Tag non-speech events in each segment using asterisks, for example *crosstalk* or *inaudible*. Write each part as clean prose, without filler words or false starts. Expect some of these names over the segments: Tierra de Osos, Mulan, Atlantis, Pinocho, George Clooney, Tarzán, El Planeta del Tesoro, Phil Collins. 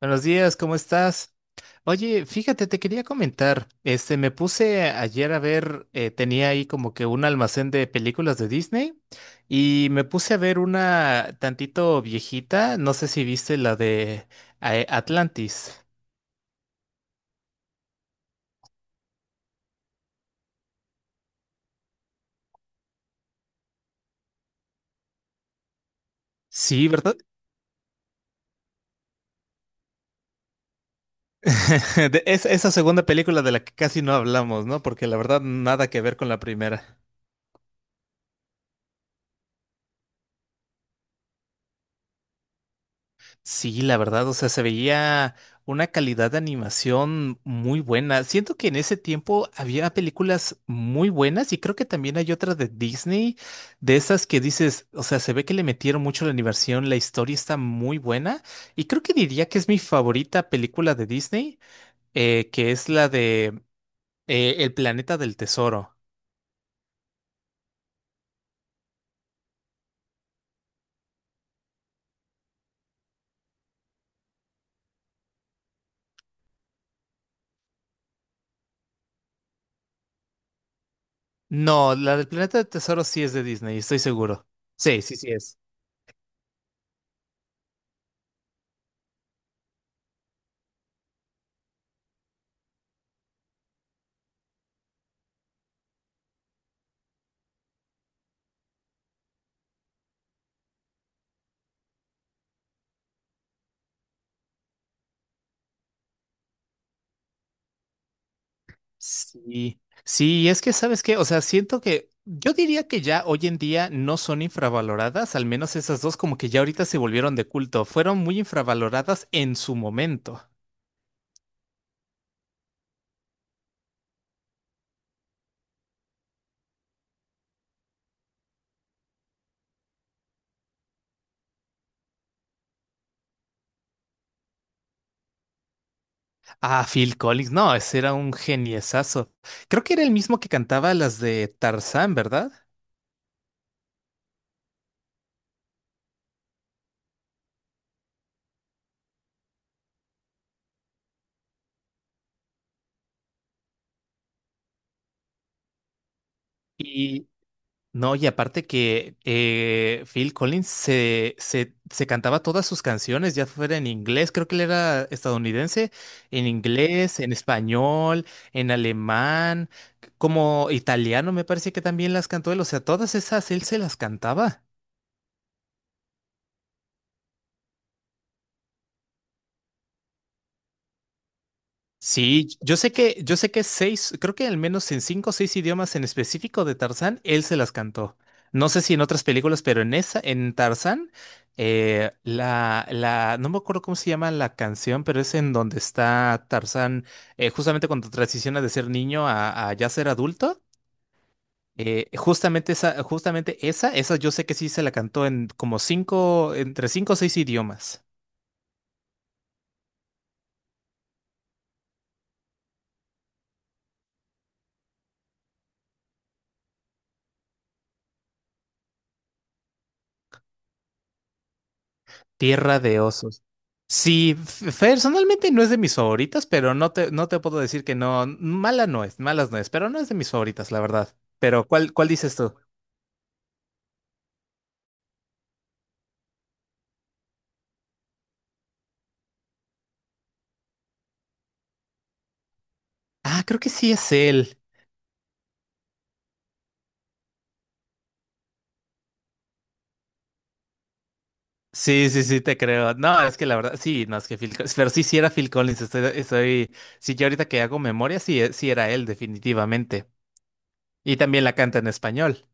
Buenos días, ¿cómo estás? Oye, fíjate, te quería comentar, este, me puse ayer a ver, tenía ahí como que un almacén de películas de Disney y me puse a ver una tantito viejita, no sé si viste la de Atlantis. Sí, ¿verdad? *laughs* Esa segunda película de la que casi no hablamos, ¿no? Porque la verdad nada que ver con la primera. Sí, la verdad, o sea, se veía una calidad de animación muy buena. Siento que en ese tiempo había películas muy buenas y creo que también hay otra de Disney, de esas que dices, o sea, se ve que le metieron mucho la animación, la historia está muy buena y creo que diría que es mi favorita película de Disney, que es la de El Planeta del Tesoro. No, la del Planeta del Tesoro sí es de Disney, estoy seguro. Sí, sí, sí es. Sí, sí, y es que sabes qué, o sea, siento que yo diría que ya hoy en día no son infravaloradas, al menos esas dos como que ya ahorita se volvieron de culto, fueron muy infravaloradas en su momento. Ah, Phil Collins, no, ese era un geniesazo. Creo que era el mismo que cantaba las de Tarzán, ¿verdad? Y, No, y aparte que Phil Collins se cantaba todas sus canciones, ya fuera en inglés, creo que él era estadounidense, en inglés, en español, en alemán, como italiano me parece que también las cantó él, o sea, todas esas él se las cantaba. Sí, yo sé que seis, creo que al menos en cinco o seis idiomas en específico de Tarzán, él se las cantó. No sé si en otras películas, pero en esa, en Tarzán, no me acuerdo cómo se llama la canción, pero es en donde está Tarzán, justamente cuando transiciona de ser niño a ya ser adulto. Esa yo sé que sí se la cantó en como cinco, entre cinco o seis idiomas. Tierra de Osos. Sí, personalmente no es de mis favoritas, pero no te, no te puedo decir que no. Mala no es, malas no es, pero no es de mis favoritas, la verdad. Pero, ¿cuál, cuál dices tú? Ah, creo que sí es él. Sí, sí, sí, te creo. No, es que la verdad, sí, no, es que Phil Collins, pero sí, sí era Phil Collins, estoy, sí, yo ahorita que hago memoria, sí, sí era él, definitivamente. Y también la canta en español.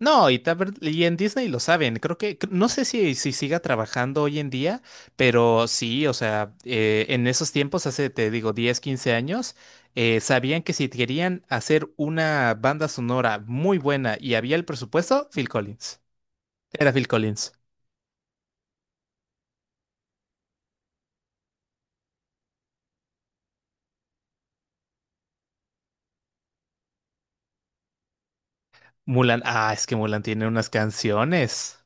No, y en Disney lo saben. No sé si, si siga trabajando hoy en día, pero sí, o sea, en esos tiempos, hace, te digo, 10 o 15 años, sabían que si querían hacer una banda sonora muy buena y había el presupuesto, Phil Collins. Era Phil Collins. Mulan, ah, es que Mulan tiene unas canciones.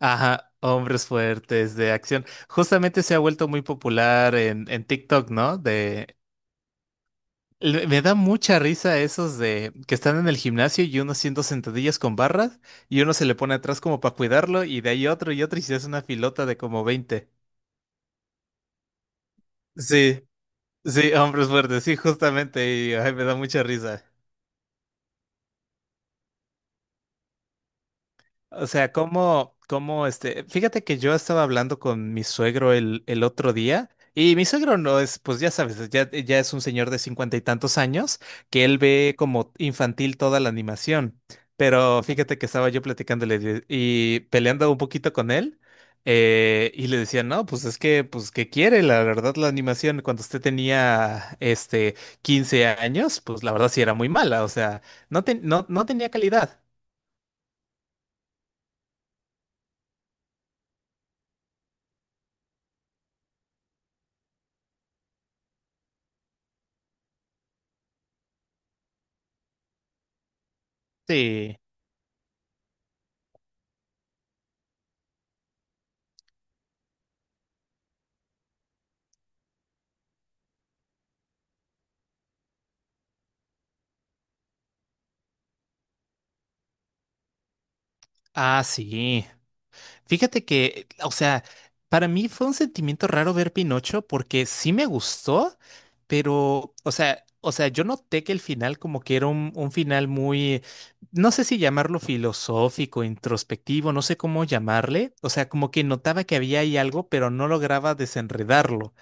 Ajá, hombres fuertes de acción. Justamente se ha vuelto muy popular en TikTok, ¿no? de Me da mucha risa esos de que están en el gimnasio y uno haciendo sentadillas con barras y uno se le pone atrás como para cuidarlo y de ahí otro y otro y se hace una filota de como 20. Sí, sí, hombres fuertes, sí, justamente, y ay, me da mucha risa. O sea, como este, fíjate que yo estaba hablando con mi suegro el otro día y mi suegro no es, pues ya sabes, ya es un señor de 50 y tantos años que él ve como infantil toda la animación, pero fíjate que estaba yo y peleando un poquito con él y le decía, no, pues es que, pues que quiere, la verdad la animación cuando usted tenía, este, 15 años, pues la verdad sí era muy mala, o sea, no, no, no tenía calidad. Sí. Ah, sí. Fíjate que, o sea, para mí fue un sentimiento raro ver Pinocho porque sí me gustó, pero, o sea, yo noté que el final como que era un final muy, no sé si llamarlo filosófico, introspectivo, no sé cómo llamarle. O sea, como que notaba que había ahí algo, pero no lograba desenredarlo.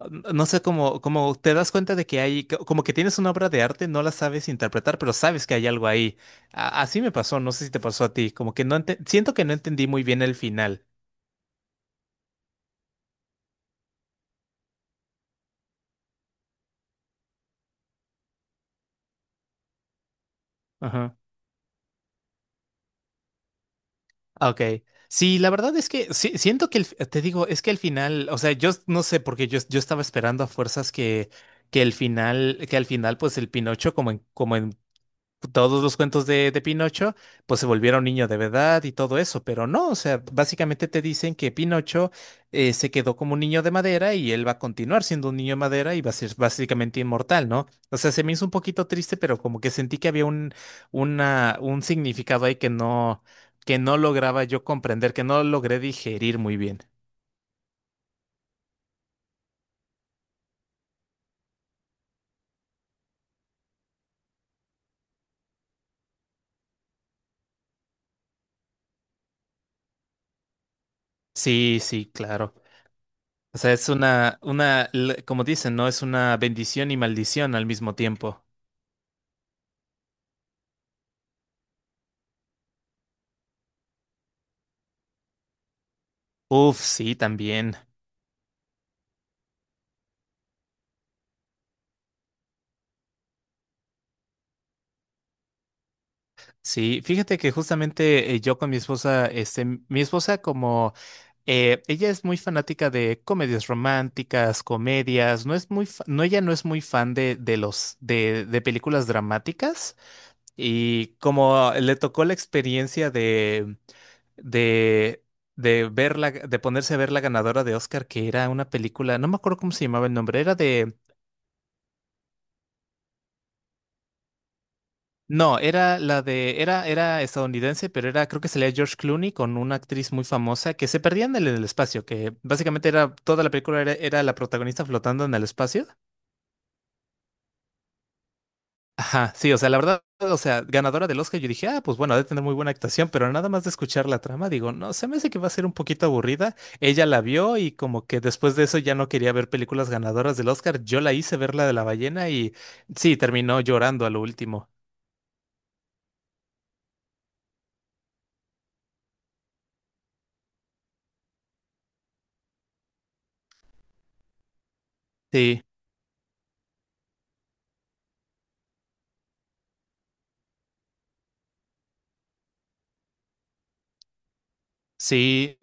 No sé cómo, como te das cuenta de que hay, como que tienes una obra de arte, no la sabes interpretar, pero sabes que hay algo ahí. Así me pasó, no sé si te pasó a ti, como que siento que no entendí muy bien el final. Ajá. Ah, ok. Sí, la verdad es que siento que te digo, es que el final, o sea, no sé, porque yo estaba esperando a fuerzas que el final, que al final, pues el Pinocho, como en todos los cuentos de Pinocho, pues se volvieron niño de verdad y todo eso, pero no, o sea, básicamente te dicen que Pinocho se quedó como un niño de madera y él va a continuar siendo un niño de madera y va a ser básicamente inmortal, ¿no? O sea, se me hizo un poquito triste, pero como que sentí que había un significado ahí que no, lograba yo comprender, que no logré digerir muy bien. Sí, sí, claro. O sea, es una, como dicen, ¿no? Es una bendición y maldición al mismo tiempo. Uf, sí, también. Sí, fíjate que justamente yo con mi esposa, este, mi esposa como ella es muy fanática de comedias románticas, comedias, no es muy, no, ella no es muy fan de películas dramáticas y como le tocó la experiencia de, de ver de ponerse a ver la ganadora de Oscar, que era una película, no me acuerdo cómo se llamaba el nombre, era. No, era la de, era, era estadounidense, pero era, creo que salía George Clooney con una actriz muy famosa que se perdían en el espacio, que básicamente era, toda la película era, era la protagonista flotando en el espacio. Ajá, sí, o sea, la verdad, o sea, ganadora del Oscar, yo dije, ah, pues bueno, ha de tener muy buena actuación, pero nada más de escuchar la trama, digo, no, se me hace que va a ser un poquito aburrida. Ella la vio y como que después de eso ya no quería ver películas ganadoras del Oscar, yo la hice ver la de la ballena y sí, terminó llorando a lo último. Sí, sí.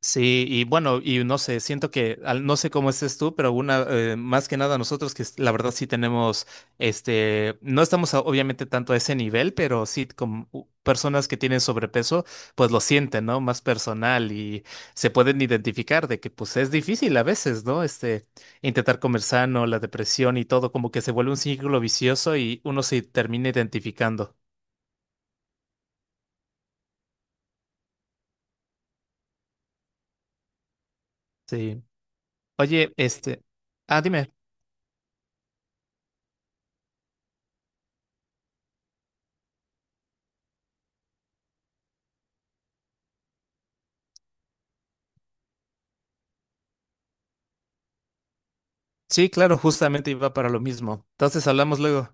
Sí, y bueno, y no sé, siento que, no sé cómo estés tú, pero más que nada nosotros que la verdad sí tenemos, este, no estamos obviamente tanto a ese nivel, pero sí como personas que tienen sobrepeso, pues lo sienten, ¿no? Más personal y se pueden identificar de que pues es difícil a veces, ¿no? Este, intentar comer sano, la depresión y todo, como que se vuelve un círculo vicioso y uno se termina identificando. Sí. Oye, este, ah, dime. Sí, claro, justamente iba para lo mismo. Entonces hablamos luego.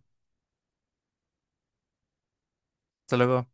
Hasta luego.